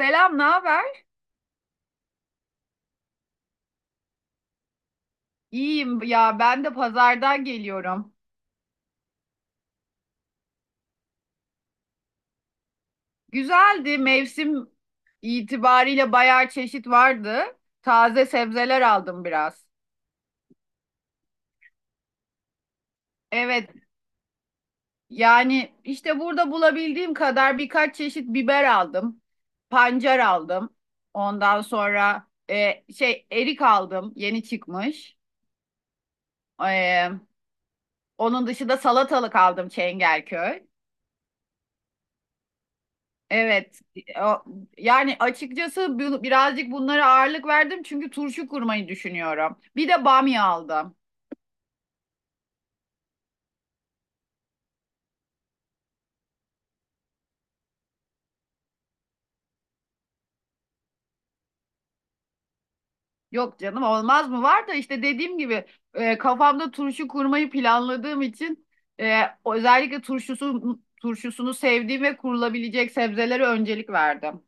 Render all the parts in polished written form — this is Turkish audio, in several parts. Selam, ne haber? İyiyim ya ben de pazardan geliyorum. Güzeldi mevsim itibariyle bayağı çeşit vardı. Taze sebzeler aldım biraz. Evet yani işte burada bulabildiğim kadar birkaç çeşit biber aldım. Pancar aldım. Ondan sonra erik aldım yeni çıkmış. E, Onun dışında salatalık aldım Çengelköy. Evet. O- Yani açıkçası birazcık bunlara ağırlık verdim çünkü turşu kurmayı düşünüyorum. Bir de bamya aldım. Yok canım olmaz mı? Var da işte dediğim gibi kafamda turşu kurmayı planladığım için e, özellikle turşusunu sevdiğim ve kurulabilecek sebzelere öncelik verdim.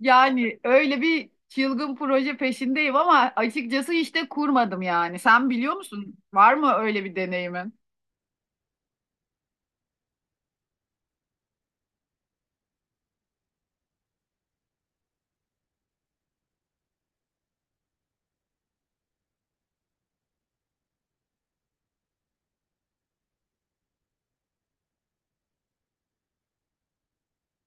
Yani öyle bir çılgın proje peşindeyim ama açıkçası işte kurmadım yani. Sen biliyor musun? Var mı öyle bir deneyimin?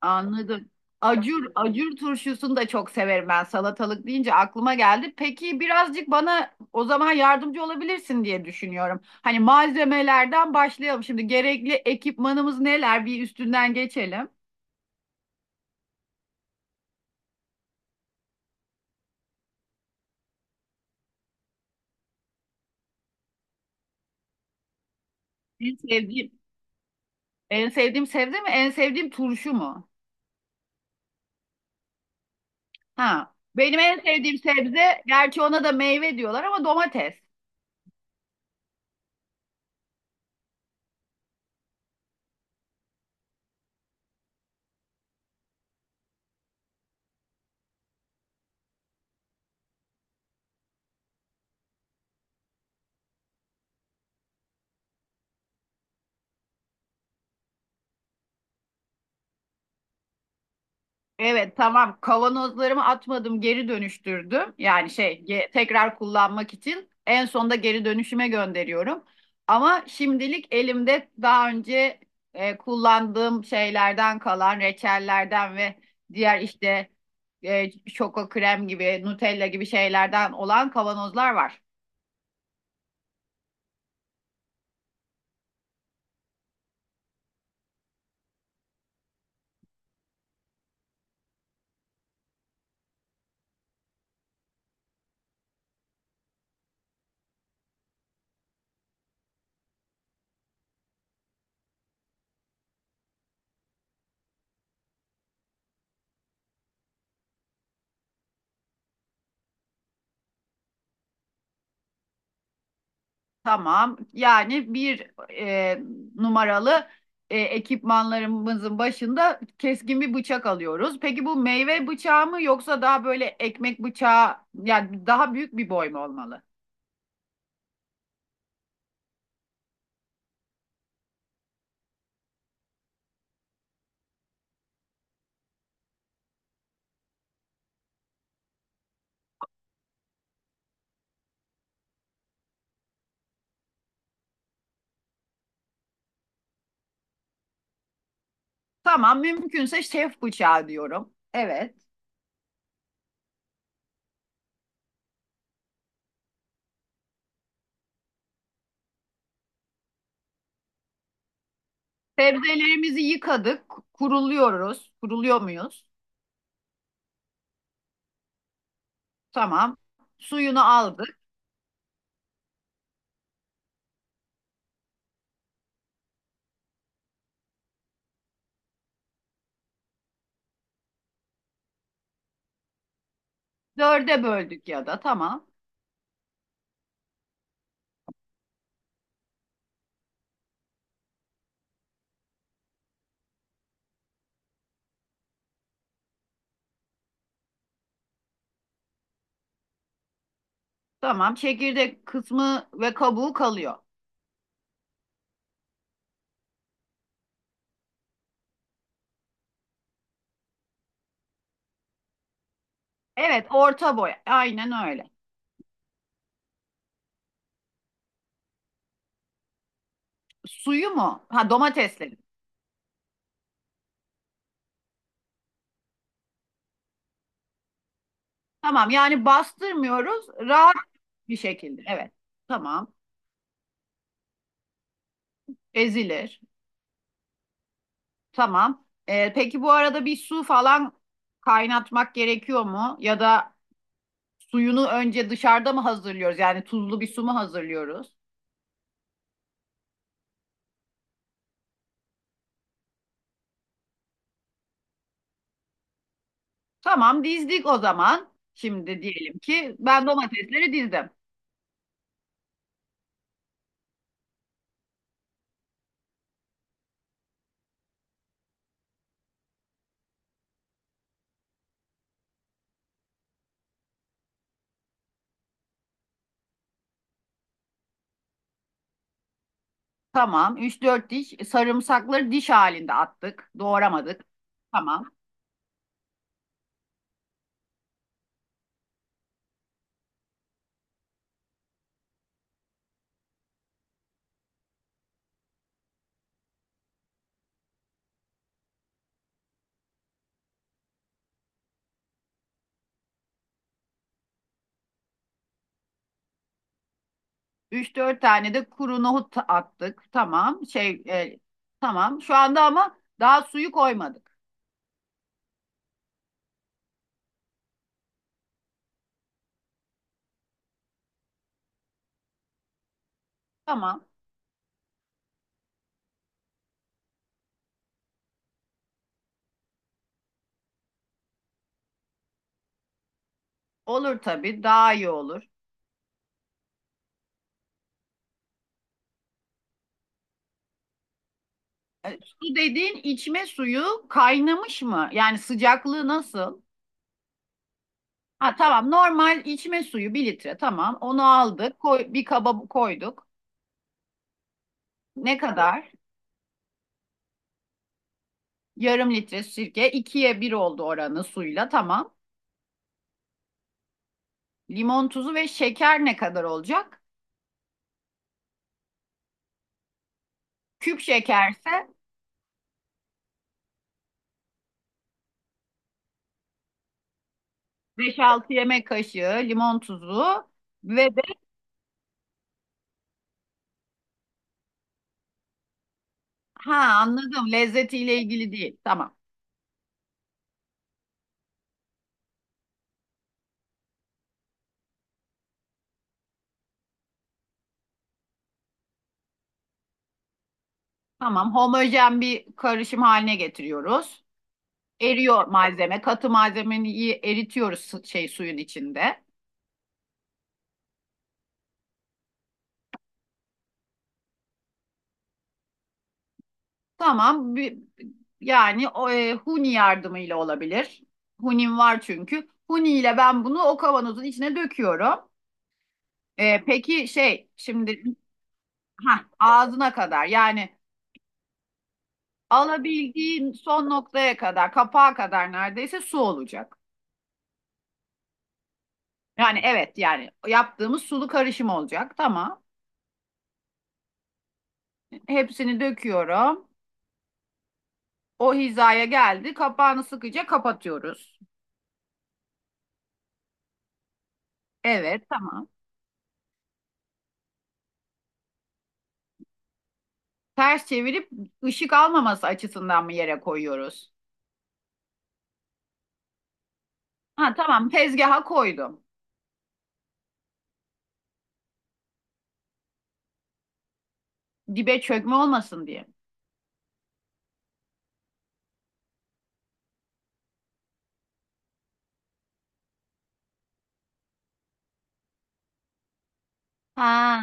Anladım. Acur, acur turşusunu da çok severim ben. Salatalık deyince aklıma geldi. Peki birazcık bana o zaman yardımcı olabilirsin diye düşünüyorum. Hani malzemelerden başlayalım. Şimdi gerekli ekipmanımız neler? Bir üstünden geçelim. En sevdiğim, en sevdiğim sebze mi? En sevdiğim turşu mu? Ha. Benim en sevdiğim sebze, gerçi ona da meyve diyorlar ama domates. Evet tamam kavanozlarımı atmadım geri dönüştürdüm. Yani tekrar kullanmak için en sonda geri dönüşüme gönderiyorum. Ama şimdilik elimde daha önce kullandığım şeylerden kalan reçellerden ve diğer işte şoko krem gibi Nutella gibi şeylerden olan kavanozlar var. Tamam. Yani bir numaralı ekipmanlarımızın başında keskin bir bıçak alıyoruz. Peki bu meyve bıçağı mı yoksa daha böyle ekmek bıçağı yani daha büyük bir boy mu olmalı? Tamam, mümkünse şef bıçağı diyorum. Evet. Sebzelerimizi yıkadık, kuruluyoruz. Kuruluyor muyuz? Tamam. Suyunu aldık. Dörde böldük ya da tamam. Tamam. Çekirdek kısmı ve kabuğu kalıyor. Evet, orta boy. Aynen öyle. Suyu mu? Ha domatesleri. Tamam yani bastırmıyoruz. Rahat bir şekilde. Evet. Tamam. Ezilir. Tamam. Peki bu arada bir su falan kaynatmak gerekiyor mu? Ya da suyunu önce dışarıda mı hazırlıyoruz? Yani tuzlu bir su mu hazırlıyoruz? Tamam dizdik o zaman. Şimdi diyelim ki ben domatesleri dizdim. Tamam. Üç dört diş sarımsakları diş halinde attık. Doğramadık. Tamam. Üç dört tane de kuru nohut attık. Tamam. Tamam. Şu anda ama daha suyu koymadık. Tamam. Olur tabii. Daha iyi olur. Su dediğin içme suyu kaynamış mı? Yani sıcaklığı nasıl? Ha tamam. Normal içme suyu bir litre. Tamam. Onu aldık. Koy, bir kaba koyduk. Ne kadar? Yarım litre sirke. İkiye bir oldu oranı suyla. Tamam. Limon tuzu ve şeker ne kadar olacak? Küp şekerse. Beş altı yemek kaşığı limon tuzu ve de. Ha, anladım, lezzetiyle ilgili değil. Tamam. Tamam. Homojen bir karışım haline getiriyoruz. Eriyor malzeme. Katı malzemeyi iyi eritiyoruz suyun içinde. Tamam. Yani o, huni yardımıyla olabilir. Hunim var çünkü. Huni ile ben bunu o kavanozun içine döküyorum. Peki şimdi ha, ağzına kadar, yani alabildiğin son noktaya kadar, kapağa kadar neredeyse su olacak. Yani evet yani yaptığımız sulu karışım olacak. Tamam. Hepsini döküyorum. O hizaya geldi. Kapağını sıkıca kapatıyoruz. Evet tamam. Ters çevirip ışık almaması açısından mı yere koyuyoruz? Ha tamam tezgaha koydum. Dibe çökme olmasın diye. Ha.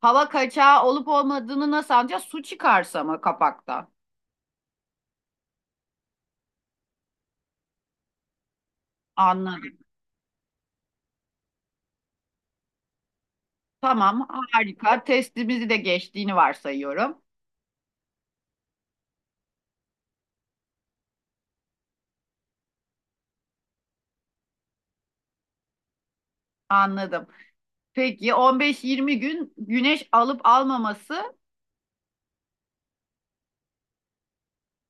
Hava kaçağı olup olmadığını nasıl anlayacağız? Su çıkarsa mı kapakta? Anladım. Tamam, harika. Testimizi de geçtiğini varsayıyorum. Anladım. Peki 15-20 gün güneş alıp almaması.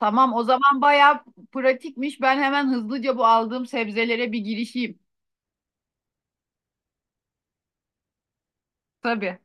Tamam, o zaman bayağı pratikmiş. Ben hemen hızlıca bu aldığım sebzelere bir girişeyim. Tabii.